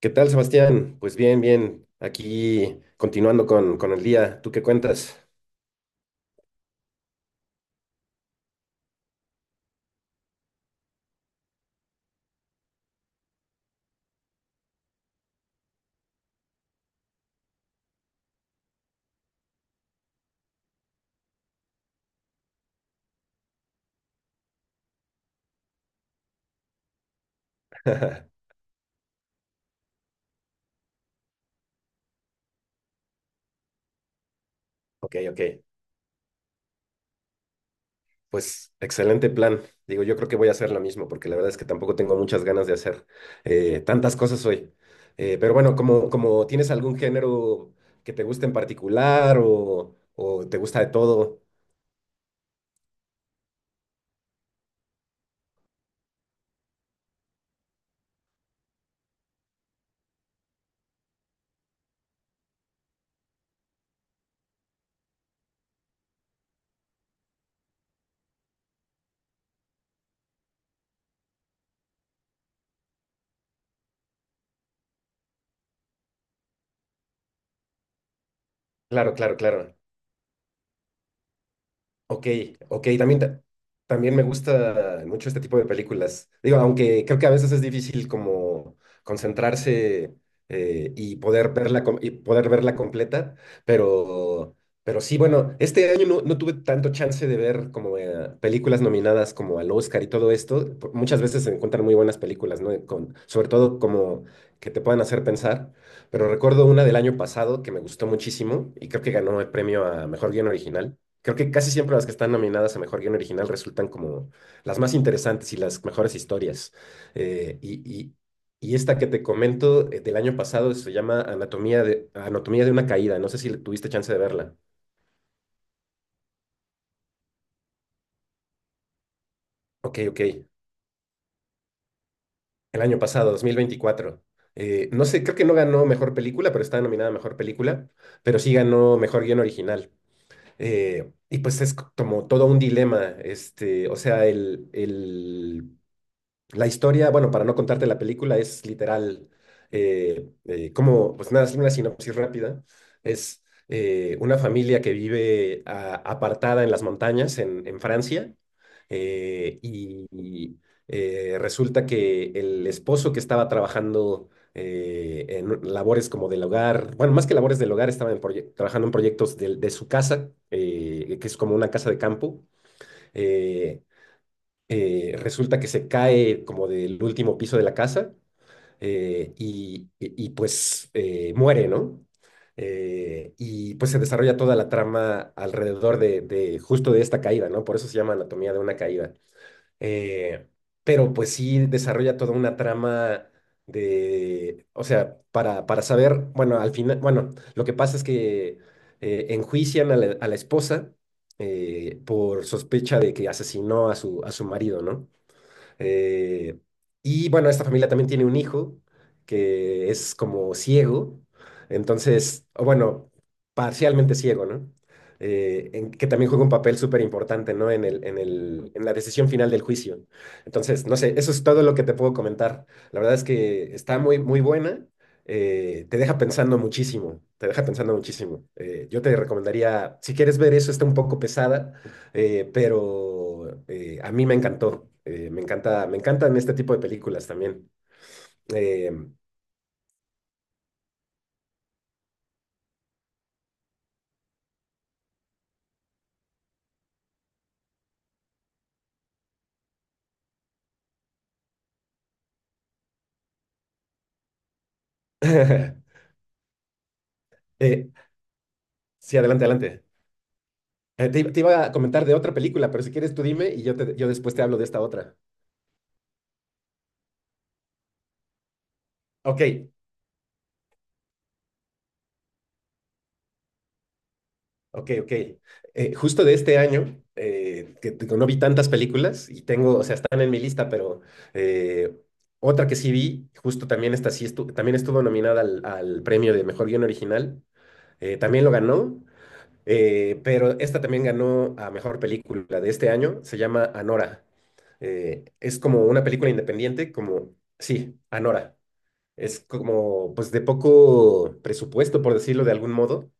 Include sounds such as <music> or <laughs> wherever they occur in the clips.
¿Qué tal, Sebastián? Pues bien, bien. Aquí continuando con el día. ¿Tú qué cuentas? <laughs> Ok, ok. Pues excelente plan. Digo, yo creo que voy a hacer lo mismo porque la verdad es que tampoco tengo muchas ganas de hacer tantas cosas hoy. Pero bueno, como tienes algún género que te guste en particular o te gusta de todo. Claro, claro, claro. Ok, ok, también, también me gusta mucho este tipo de películas. Digo, aunque creo que a veces es difícil como concentrarse y poder verla, y poder verla completa, pero, pero sí, bueno, este año no, no tuve tanto chance de ver como películas nominadas como al Oscar y todo esto. Muchas veces se encuentran muy buenas películas, ¿no? Con, sobre todo como que te puedan hacer pensar, pero recuerdo una del año pasado que me gustó muchísimo y creo que ganó el premio a Mejor Guión Original. Creo que casi siempre las que están nominadas a Mejor Guión Original resultan como las más interesantes y las mejores historias. Eh, y, y- y esta que te comento del año pasado se llama Anatomía de una Caída. No sé si tuviste chance de verla. Ok, ok. El año pasado, 2024. No sé, creo que no ganó Mejor Película, pero está nominada a Mejor Película, pero sí ganó Mejor Guión Original. Y pues como todo un dilema, este, o sea, el La historia, bueno, para no contarte la película, es literal, como, pues nada, es una sinopsis rápida. Es una familia que vive apartada en las montañas en Francia eh, y, y, resulta que el esposo que estaba trabajando en labores como del hogar, bueno, más que labores del hogar, estaba en trabajando en proyectos de su casa, que es como una casa de campo. eh, Resulta que se cae como del último piso de la casa pues muere, ¿no? Y pues se desarrolla toda la trama alrededor de justo de esta caída, ¿no? Por eso se llama Anatomía de una caída. Eh, pero pues sí desarrolla toda una trama de, o sea, para saber, bueno, al final, bueno, lo que pasa es que enjuician a la esposa por sospecha de que asesinó a su marido, ¿no? Eh, y bueno, esta familia también tiene un hijo que es como ciego, entonces, o bueno, parcialmente ciego, ¿no? Que también juega un papel súper importante, ¿no? En la decisión final del juicio. Entonces, no sé, eso es todo lo que te puedo comentar. La verdad es que está muy, muy buena. Te deja pensando muchísimo, te deja pensando muchísimo. Yo te recomendaría, si quieres ver eso, está un poco pesada, pero a mí me encantó. Me encanta, me encantan este tipo de películas también. Eh, <laughs> eh, sí, adelante, adelante. Te, te iba a comentar de otra película, pero si quieres tú dime y yo después te hablo de esta otra. Ok, ok, ok. Justo de este año, que no vi tantas películas y tengo, o sea, están en mi lista, pero eh, otra que sí vi, justo también esta sí también estuvo nominada al, al premio de Mejor Guión Original. También lo ganó. Pero esta también ganó a mejor película de este año, se llama Anora. Es como una película independiente, como, sí, Anora. Es como, pues, de poco presupuesto, por decirlo de algún modo.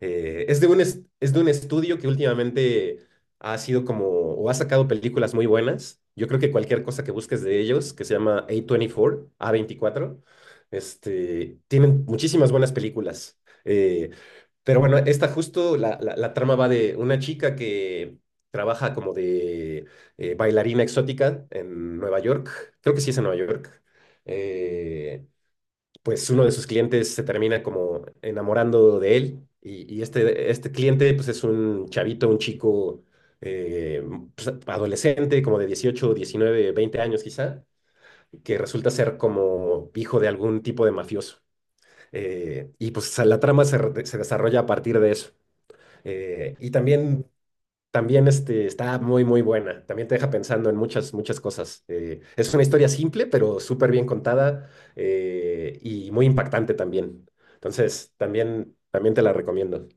Eh, es de un estudio que últimamente ha sido como, o ha sacado películas muy buenas. Yo creo que cualquier cosa que busques de ellos, que se llama A24, a veinticuatro este, tienen muchísimas buenas películas. Eh, pero bueno, esta justo, la trama va de una chica que trabaja como de bailarina exótica en Nueva York. Creo que sí es en Nueva York. Eh, pues uno de sus clientes se termina como enamorando de él y este cliente pues es un chavito, un chico eh, pues, adolescente como de 18, 19, 20 años quizá, que resulta ser como hijo de algún tipo de mafioso. Y pues la trama se desarrolla a partir de eso. Y también también este, está muy, muy buena. También te deja pensando en muchas, muchas cosas. Es una historia simple, pero súper bien contada y muy impactante también. Entonces, también, también te la recomiendo.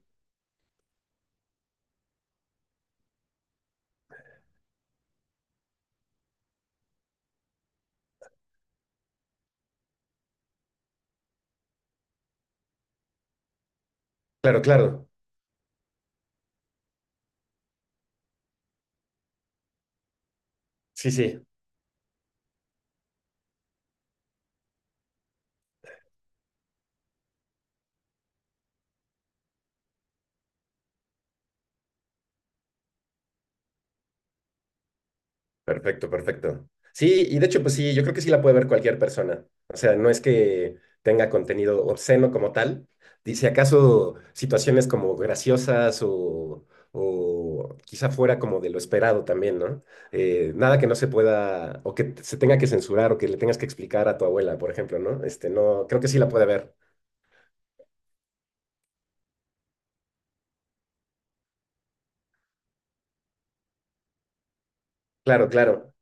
Claro, claro. Sí, sí. Perfecto, perfecto. Sí, y de hecho, pues sí, yo creo que sí la puede ver cualquier persona. O sea, no es que tenga contenido obsceno como tal. Dice acaso situaciones como graciosas o quizá fuera como de lo esperado también, ¿no? Nada que no se pueda, o que se tenga que censurar, o que le tengas que explicar a tu abuela, por ejemplo, ¿no? Este, no, creo que sí la puede ver. Claro, claro.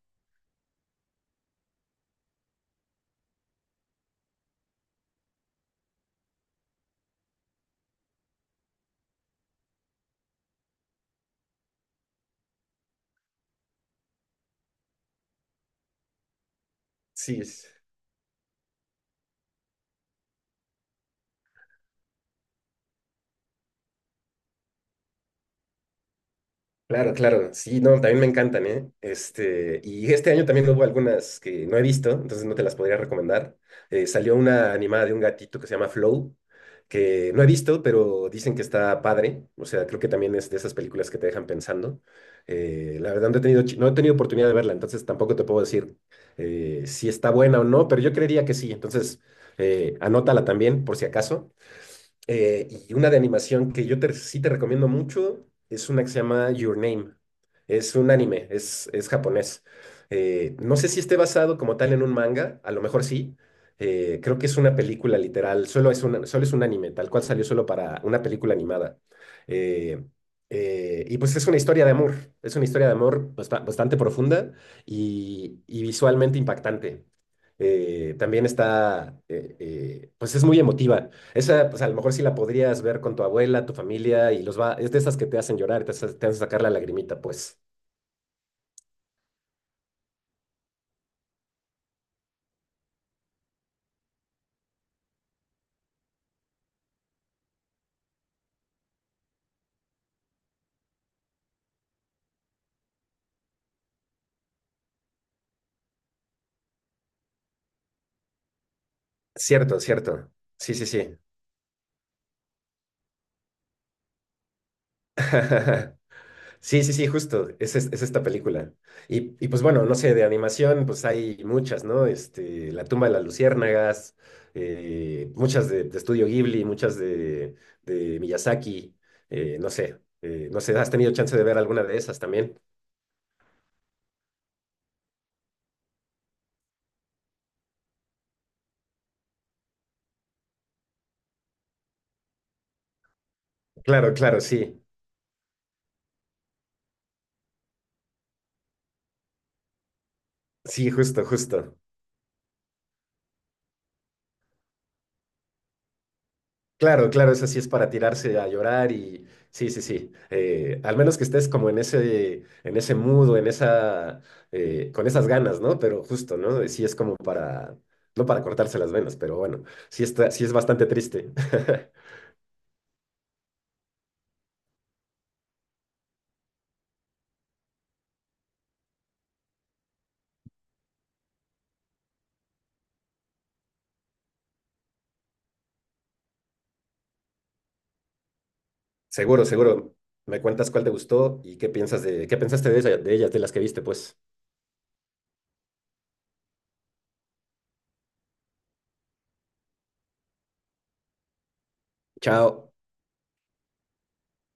Sí. Sí. Claro, claro, sí, no, también me encantan, ¿eh? Este, y este año también hubo algunas que no he visto, entonces no te las podría recomendar. Salió una animada de un gatito que se llama Flow, que no he visto, pero dicen que está padre, o sea, creo que también es de esas películas que te dejan pensando. La verdad no he tenido, no he tenido oportunidad de verla, entonces tampoco te puedo decir si está buena o no, pero yo creería que sí, entonces anótala también por si acaso. Y una de animación que sí te recomiendo mucho es una que se llama Your Name. Es un anime, es japonés. No sé si esté basado como tal en un manga, a lo mejor sí. Creo que es una película literal, solo es un anime, tal cual salió solo para una película animada. Eh, y pues es una historia de amor, es una historia de amor bastante profunda y visualmente impactante. Pues es muy emotiva. Esa, pues a lo mejor sí la podrías ver con tu abuela, tu familia, y los va. Es de esas que te hacen llorar, te hacen sacar la lagrimita, pues. Cierto, cierto. Sí, sí, sí. <laughs> Sí, sí, sí, justo. Es esta película. Y pues bueno, no sé, de animación, pues hay muchas, ¿no? Este, La tumba de las luciérnagas, muchas de Estudio Ghibli, de Miyazaki, no sé, ¿has tenido chance de ver alguna de esas también? Claro, claro, sí. Sí, justo, justo. Claro, claro, esa sí es para tirarse a llorar y sí, sí, sí. Al menos que estés como en ese mood o en esa, con esas ganas, ¿no? Pero justo, ¿no? Sí es como para, no para cortarse las venas, pero bueno, sí está, sí es bastante triste. <laughs> Seguro, seguro. Me cuentas cuál te gustó y qué piensas de, qué pensaste de de ellas, de las que viste, pues. Chao.